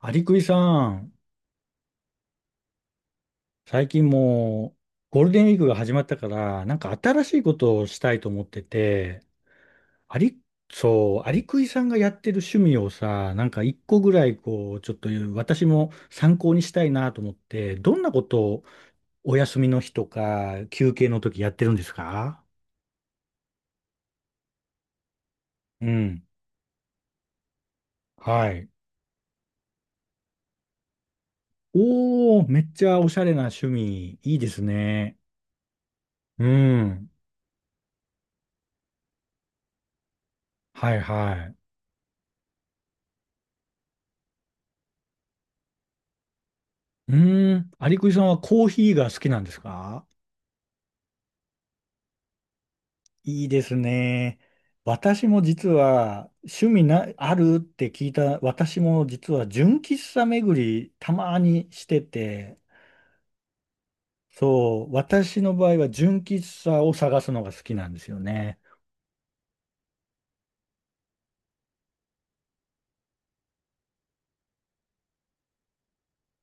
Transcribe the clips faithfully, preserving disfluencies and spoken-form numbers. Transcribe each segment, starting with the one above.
アリクイさん、最近もうゴールデンウィークが始まったから、なんか新しいことをしたいと思ってて、アリ、そう、アリクイさんがやってる趣味をさ、なんか一個ぐらいこう、ちょっと私も参考にしたいなと思って、どんなことをお休みの日とか休憩の時やってるんですか？うん。はい。おー、めっちゃおしゃれな趣味、いいですね。うん。はいはい。うーん。アリクイさんはコーヒーが好きなんですか？いいですね。私も実は趣味な、あるって聞いた、私も実は純喫茶巡りたまにしてて、そう、私の場合は純喫茶を探すのが好きなんですよね。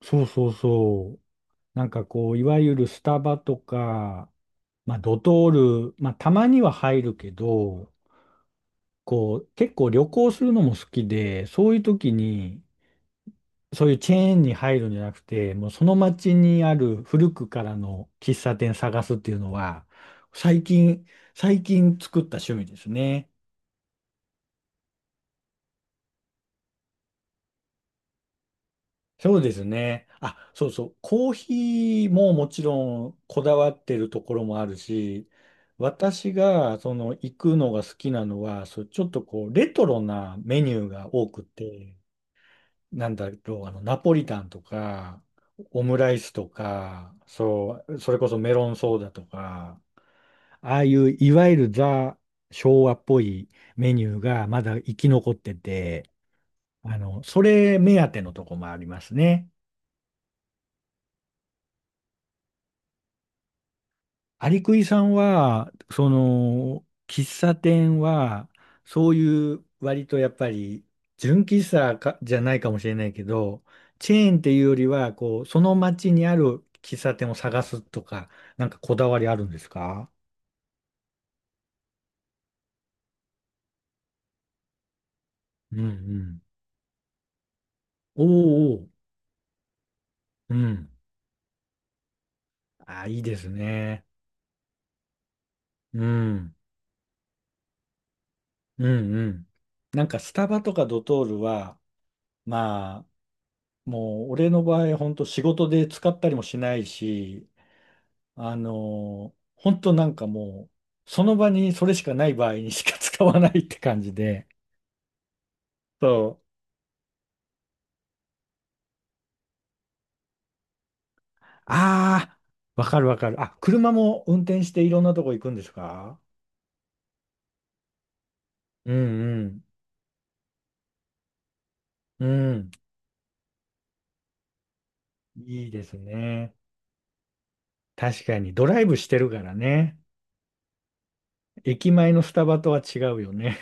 そうそうそう。なんかこう、いわゆるスタバとか、まあドトール、まあたまには入るけど、こう、結構旅行するのも好きで、そういう時にそういうチェーンに入るんじゃなくて、もうその町にある古くからの喫茶店探すっていうのは、最近、最近作った趣味ですね。そうですね。あ、そうそう。コーヒーももちろんこだわってるところもあるし、私がその行くのが好きなのは、そう、ちょっとこう、レトロなメニューが多くて、なんだろう、あの、ナポリタンとか、オムライスとか、そう、それこそメロンソーダとか、ああいういわゆるザ昭和っぽいメニューがまだ生き残ってて、あの、それ目当てのとこもありますね。アリクイさんは、その、喫茶店は、そういう割とやっぱり、純喫茶かじゃないかもしれないけど、チェーンっていうよりは、こう、その街にある喫茶店を探すとか、なんかこだわりあるんですか？うんうん。おーおー、うん。あ、いいですね。うん。うんうん。なんかスタバとかドトールは、まあ、もう俺の場合、本当仕事で使ったりもしないし、あの本当なんかもう、その場にそれしかない場合にしか使わないって感じで。そう。ああ、わかるわかる。あ、車も運転していろんなとこ行くんですか？うんうん。うん。いいですね。確かに、ドライブしてるからね。駅前のスタバとは違うよね。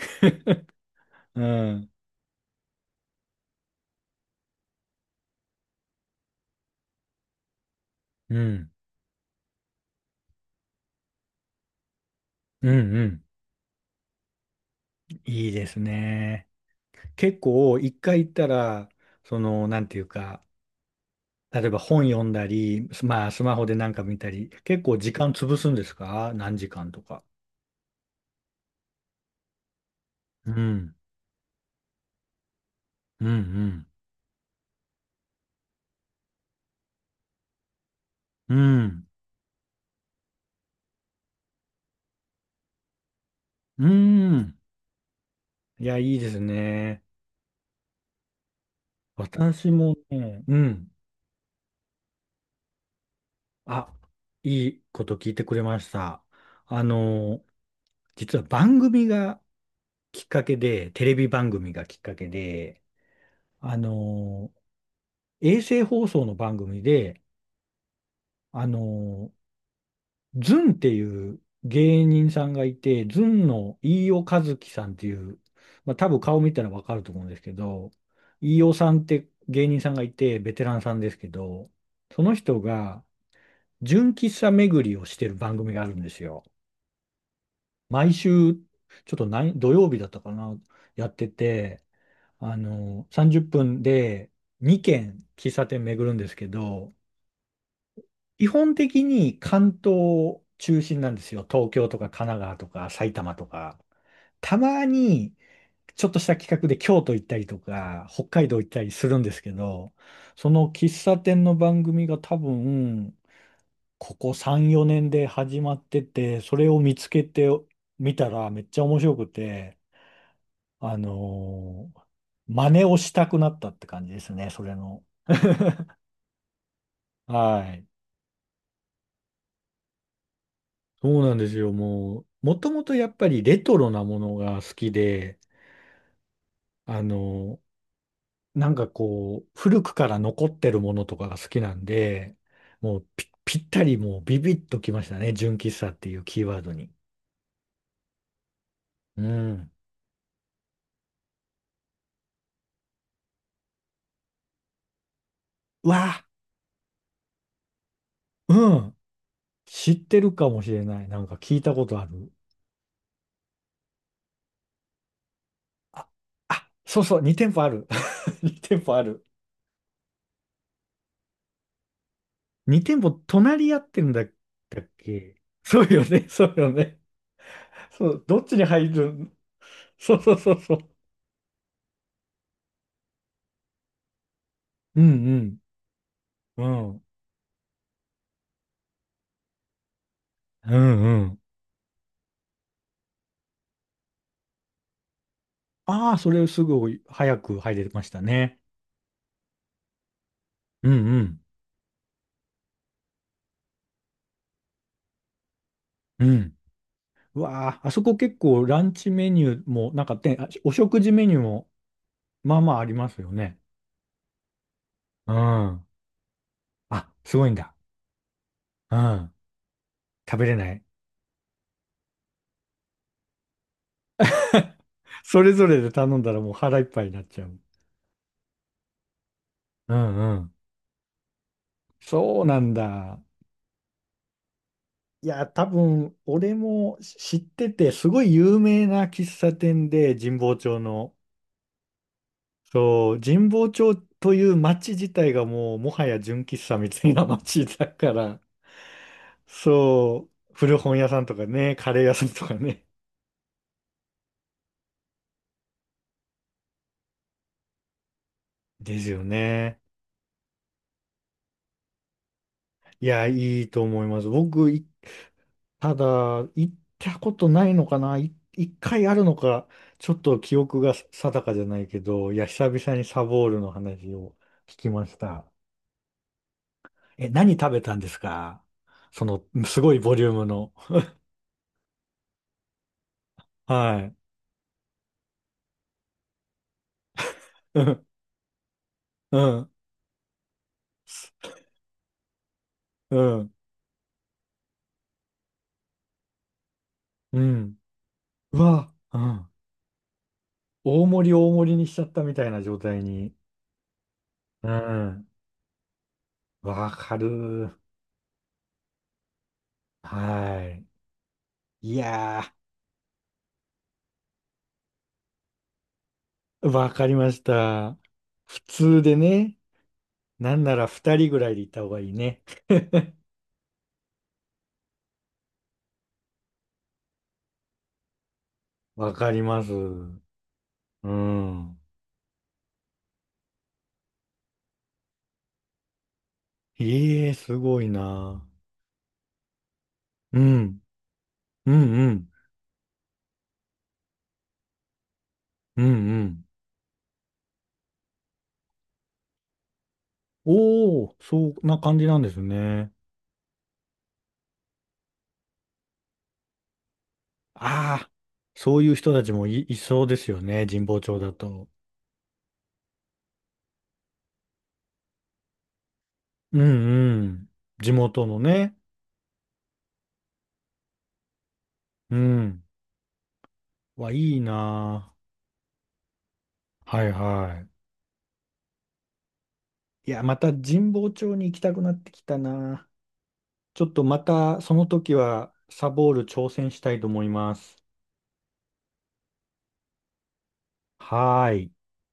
うん。うん。うんうん。いいですね。結構、一回行ったら、その、なんていうか、例えば本読んだり、すまあ、スマホでなんか見たり、結構時間潰すんですか？何時間とか。うん、うん、うん、うん、うん。いや、いいですね。私もね、うん。あ、いいこと聞いてくれました。あの、実は番組がきっかけで、テレビ番組がきっかけで、あの、衛星放送の番組で、あの、ズンっていう芸人さんがいて、ズンの飯尾和樹さんっていう、まあ多分顔見たらわかると思うんですけど、飯尾さんって芸人さんがいて、ベテランさんですけど、その人が純喫茶巡りをしてる番組があるんですよ。毎週、ちょっと何、土曜日だったかな、やってて、あの、さんじゅっぷんでにけん軒喫茶店巡るんですけど、基本的に関東中心なんですよ。東京とか神奈川とか埼玉とか。たまにちょっとした企画で京都行ったりとか、北海道行ったりするんですけど、その喫茶店の番組が多分、ここさん、よねんで始まってて、それを見つけてみたらめっちゃ面白くて、あのー真似をしたくなったって感じですね、それの。はい。そうなんですよ。もう、もともとやっぱりレトロなものが好きで、あの、なんかこう、古くから残ってるものとかが好きなんで、もうぴ、ぴったりもうビビッときましたね。純喫茶っていうキーワードに。うん。うわ、うん。知ってるかもしれない。なんか聞いたことある。あ、あ、そうそう、にてんぽ店舗ある。にてんぽ店舗ある。にてんぽ店舗隣り合ってるんだったっけ？そうよね、そうよね。そう、どっちに入る？そうそうそうそう。うんうん。うんうんうん。ああ、それすぐ早く入れましたね。うんうん。うん。うわあ、あそこ結構ランチメニューも、なんかて、あお食事メニューも、まあまあありますよね。うん。あ、すごいんだ。うん。食べれない。それぞれで頼んだらもう腹いっぱいになっちゃう。うんうん。そうなんだ。いや、多分、俺も知ってて、すごい有名な喫茶店で、神保町の。そう、神保町という町自体がもうもはや純喫茶みたいな町だから、そう、古本屋さんとかね、カレー屋さんとかね。ですよね。いや、いいと思います。僕、いただ、行ったことないのかな、い一回あるのか、ちょっと記憶が定かじゃないけど、いや、久々にサボールの話を聞きました。え、何食べたんですか？その、すごいボリュームの。はい。うん。うん。うん、うん。うわ、うん。大盛り大盛りにしちゃったみたいな状態に。うん。わかる。はい。いやー、わかりました。普通でね、なんならふたりぐらいで行った方がいいね。わかります。うん。ええ、すごいな。うん。うんうん。うんうん。おお、そんな感じなんですね。ああ、そういう人たちもい、いそうですよね、神保町だと。うんうん。地元のね。うん。わ、いいなあ。はいはい。いや、また神保町に行きたくなってきたな。ちょっとまたその時はサボール挑戦したいと思います。はーい。